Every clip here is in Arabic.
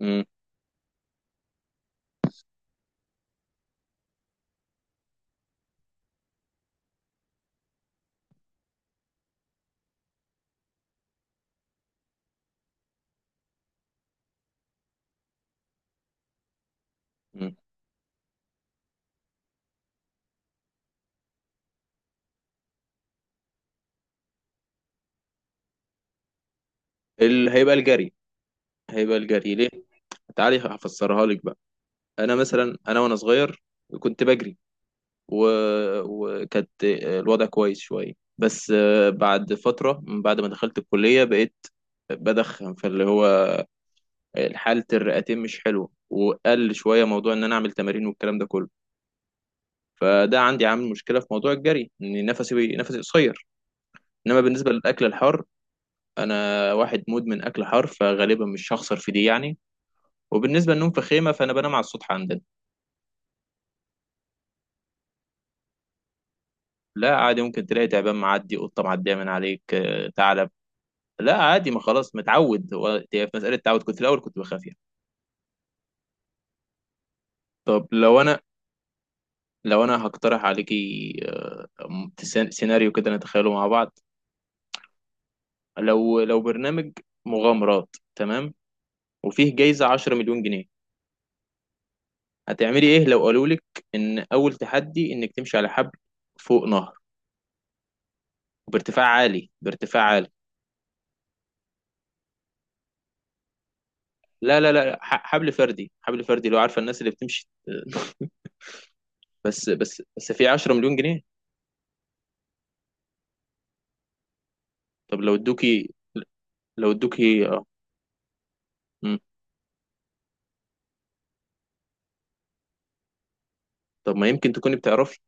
مم. مم. ال... هيبقى الجري هيبقى الجري ليه؟ تعالي هفسرها لك بقى. انا مثلا وانا صغير كنت بجري و... وكانت الوضع كويس شويه. بس بعد فتره من بعد ما دخلت الكليه بقيت بدخن، فاللي هو حاله الرئتين مش حلوه، وقل شويه موضوع ان انا اعمل تمارين والكلام ده كله. فده عندي عامل مشكله في موضوع الجري، ان نفسي قصير. انما بالنسبه للاكل الحار، انا واحد مدمن اكل حار، فغالبا مش هخسر في دي يعني. وبالنسبة للنوم في خيمة، فأنا بنام على السطح عندنا. لا عادي، ممكن تلاقي تعبان معدي، قطة معدية من عليك، ثعلب. لا عادي، ما خلاص متعود هو. هي في مسألة تعود، كنت الأول كنت بخاف يعني. طب لو أنا هقترح عليكي، سيناريو كده نتخيله مع بعض. لو برنامج مغامرات، تمام، وفيه جايزة 10 مليون جنيه. هتعملي إيه لو قالوا لك إن أول تحدي إنك تمشي على حبل فوق نهر بارتفاع عالي بارتفاع عالي؟ لا لا لا، حبل فردي، حبل فردي، لو عارفه الناس اللي بتمشي. بس بس في 10 مليون جنيه. طب لو ادوكي اه. مم. طب ما يمكن تكوني بتعرفي.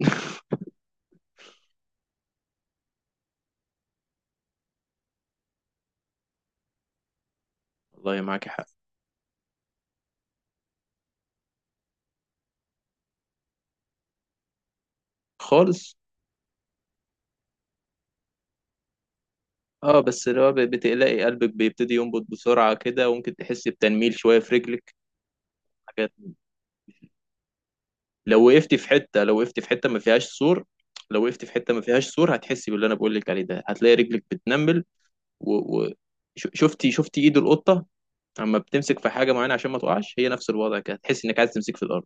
والله معاكي حق. خالص. اه، بس اللي هو بتقلقي، قلبك بيبتدي ينبض بسرعة كده، وممكن تحسي بتنميل شوية في رجلك. حاجات من دي. لو وقفتي في حتة لو وقفتي في حتة ما فيهاش سور لو وقفتي في حتة ما فيهاش سور، هتحسي باللي انا بقول لك عليه ده، هتلاقي رجلك بتنمل و... و... شفتي ايد القطة اما بتمسك في حاجه معينه عشان ما تقعش، هي نفس الوضع كده، تحس انك عايز تمسك في الارض.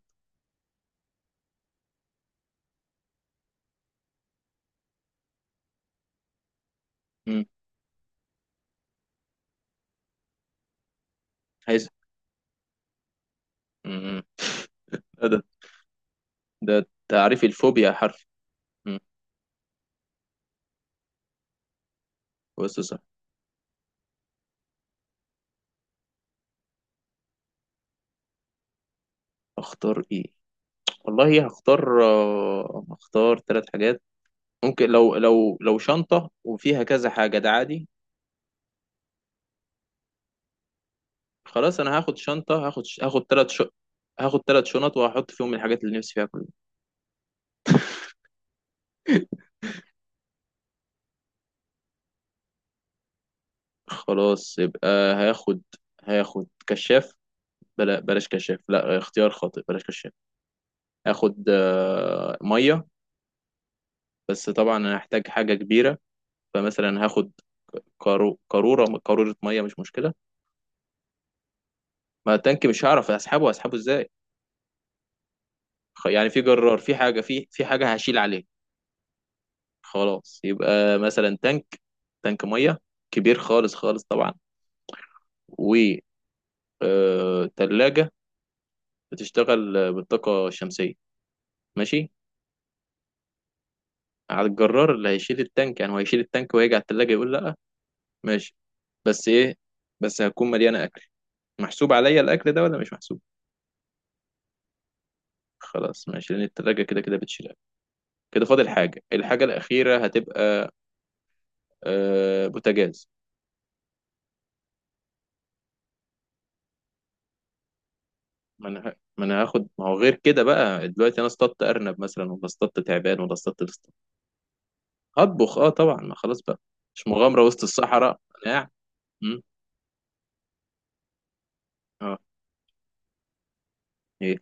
امم. عايز. امم. ده ده تعريف الفوبيا حرف. امم. بص صح. اختار ايه؟ والله هختار ثلاث حاجات. ممكن لو شنطه وفيها كذا حاجه ده عادي. خلاص، انا هاخد شنطه، هاخد ثلاث هاخد ثلاث شنط وهحط فيهم الحاجات اللي نفسي فيها كلها. خلاص يبقى هاخد هاخد كشاف. بلاش كشاف، لا، اختيار خاطئ، بلاش كشاف. هاخد ميه. بس طبعا انا هحتاج حاجه كبيره، فمثلا هاخد كارو قاروره قاروره ميه، مش مشكله. ما التانك مش هعرف اسحبه ازاي. يعني في جرار، في حاجه، في حاجه هشيل عليه. خلاص يبقى مثلا تانك ميه، كبير خالص خالص طبعا. و تلاجة بتشتغل بالطاقه الشمسيه. ماشي، على الجرار اللي هيشيل التانك يعني، هو هيشيل التانك وهيجي على التلاجة يقول لا. ماشي. بس ايه، بس هتكون مليانه اكل. محسوب عليا الاكل ده ولا مش محسوب؟ خلاص ماشي، لان التلاجة كده كده بتشيل أكل. كده فاضل حاجه، الحاجه الاخيره هتبقى بوتاجاز. ما انا هاخد، ما هو غير كده بقى دلوقتي انا اصطدت ارنب مثلا، ولا اصطدت تعبان، ولا اصطدت لسان. هطبخ، اه طبعا، ما خلاص بقى. مش مغامره وسط الصحراء. انا قاعد. مم. اه. ايه.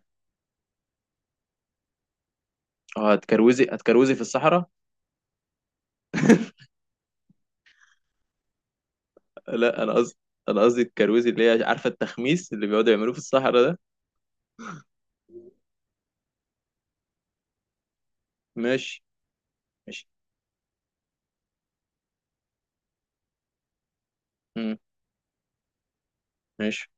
اه هتكروزي في الصحراء. لا، انا قصدي الكروزي، اللي هي عارفه التخميس اللي بيقعدوا يعملوه في الصحراء ده. ماشي. مش، مم. ماشي.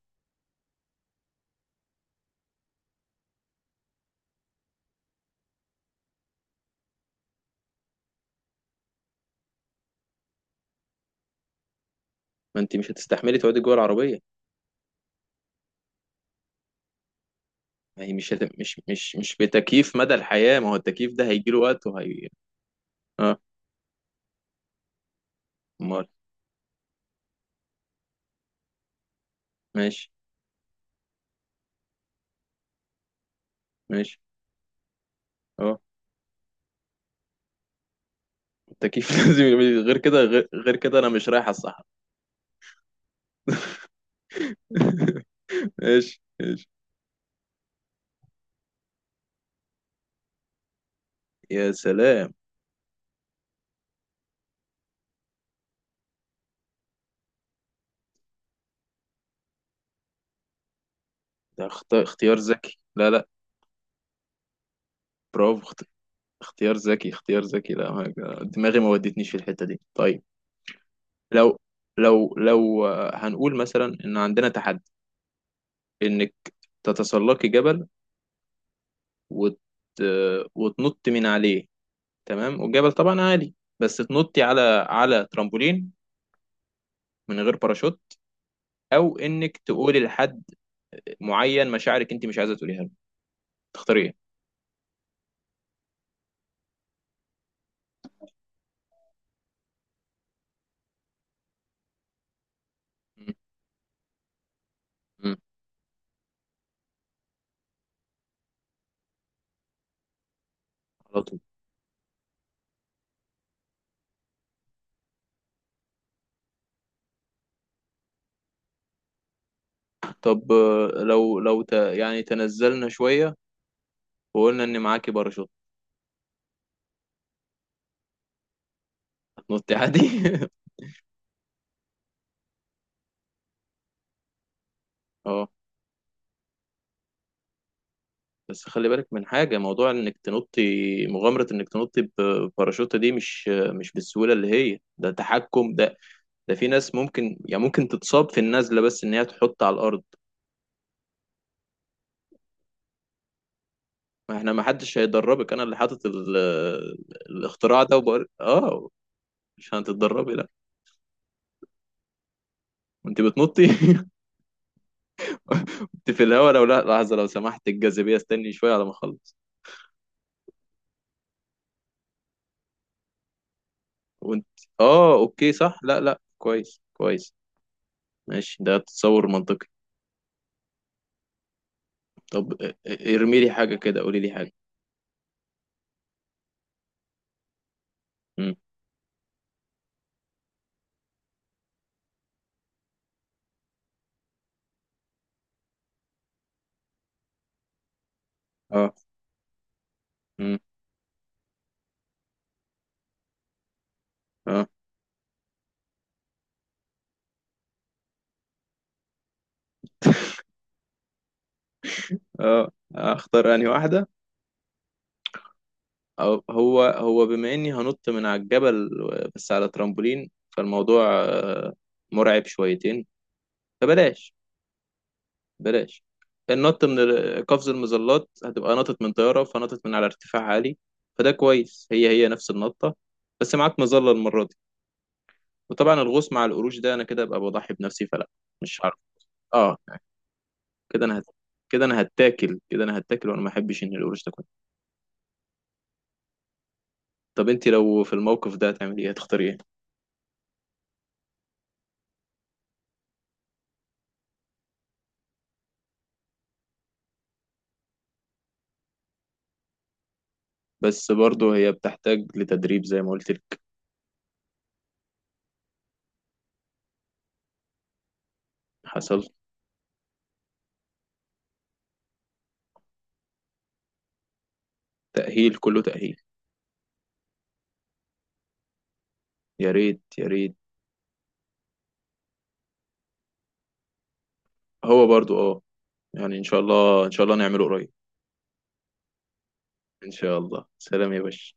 ما انت مش هتستحملي تقعدي جوه العربيه؟ ما هي مش بتكييف مدى الحياه، ما هو التكييف ده هيجي له وقت، وهي. اه. امال. ماشي ماشي. اه، التكييف لازم غير كده انا مش رايح الصحراء. ماشي ماشي. يا سلام. ده اختيار ذكي. لا لا. برافو. اختيار ذكي، اختيار ذكي، لا دماغي ما ودتنيش في الحته دي. طيب. لو لو هنقول مثلا ان عندنا تحدي انك تتسلقي جبل وت... وتنط من عليه، تمام، والجبل طبعا عالي، بس تنطي على ترامبولين من غير باراشوت، او انك تقولي لحد معين مشاعرك انت مش عايزه تقوليها له. تختاري ايه؟ مم. مم. على طول. طب لو يعني تنزلنا شويه، وقلنا ان معاكي باراشوت، هتنطي عادي؟ اه، بس خلي بالك من حاجه، موضوع انك تنطي، مغامره انك تنطي بباراشوت دي مش بالسهوله اللي هي ده، تحكم ده في ناس ممكن، يعني ممكن تتصاب في النزله بس ان هي تحط على الارض. ما احنا ما حدش هيدربك. انا اللي حاطط الاختراع ده وبقول اه. مش هتتدربي لا. وانت بتنطي كنت في الهوا، لو، لا لحظه لو سمحت، الجاذبيه استني شويه على ما اخلص. وانت، اه اوكي، صح، لا لا، كويس كويس. ماشي، ده تصور منطقي. طب اه، اه، ارمي لي حاجه كده، قولي لي حاجه. امم. اه. امم. اه. اه. اختار انهي واحده. هو بما اني هنط من على الجبل بس على ترامبولين، فالموضوع مرعب شويتين، فبلاش، بلاش. النط من قفز المظلات، هتبقى نطت من طيارة، فنطت من على ارتفاع عالي، فده كويس، هي نفس النطة بس معاك مظلة المرة دي. وطبعا الغوص مع القروش ده، انا كده ابقى بضحي بنفسي، فلا، مش هعرف. اه، كده انا كده انا هتاكل، وانا ما احبش ان القروش تاكل. طب انت لو في الموقف ده هتعملي ايه، هتختاري ايه؟ بس برضه هي بتحتاج لتدريب زي ما قلت لك. حصل. تأهيل، كله تأهيل. يا ريت يا ريت. هو برضه اه، يعني ان شاء الله ان شاء الله نعمله قريب. ان شاء الله. سلام يا باشا.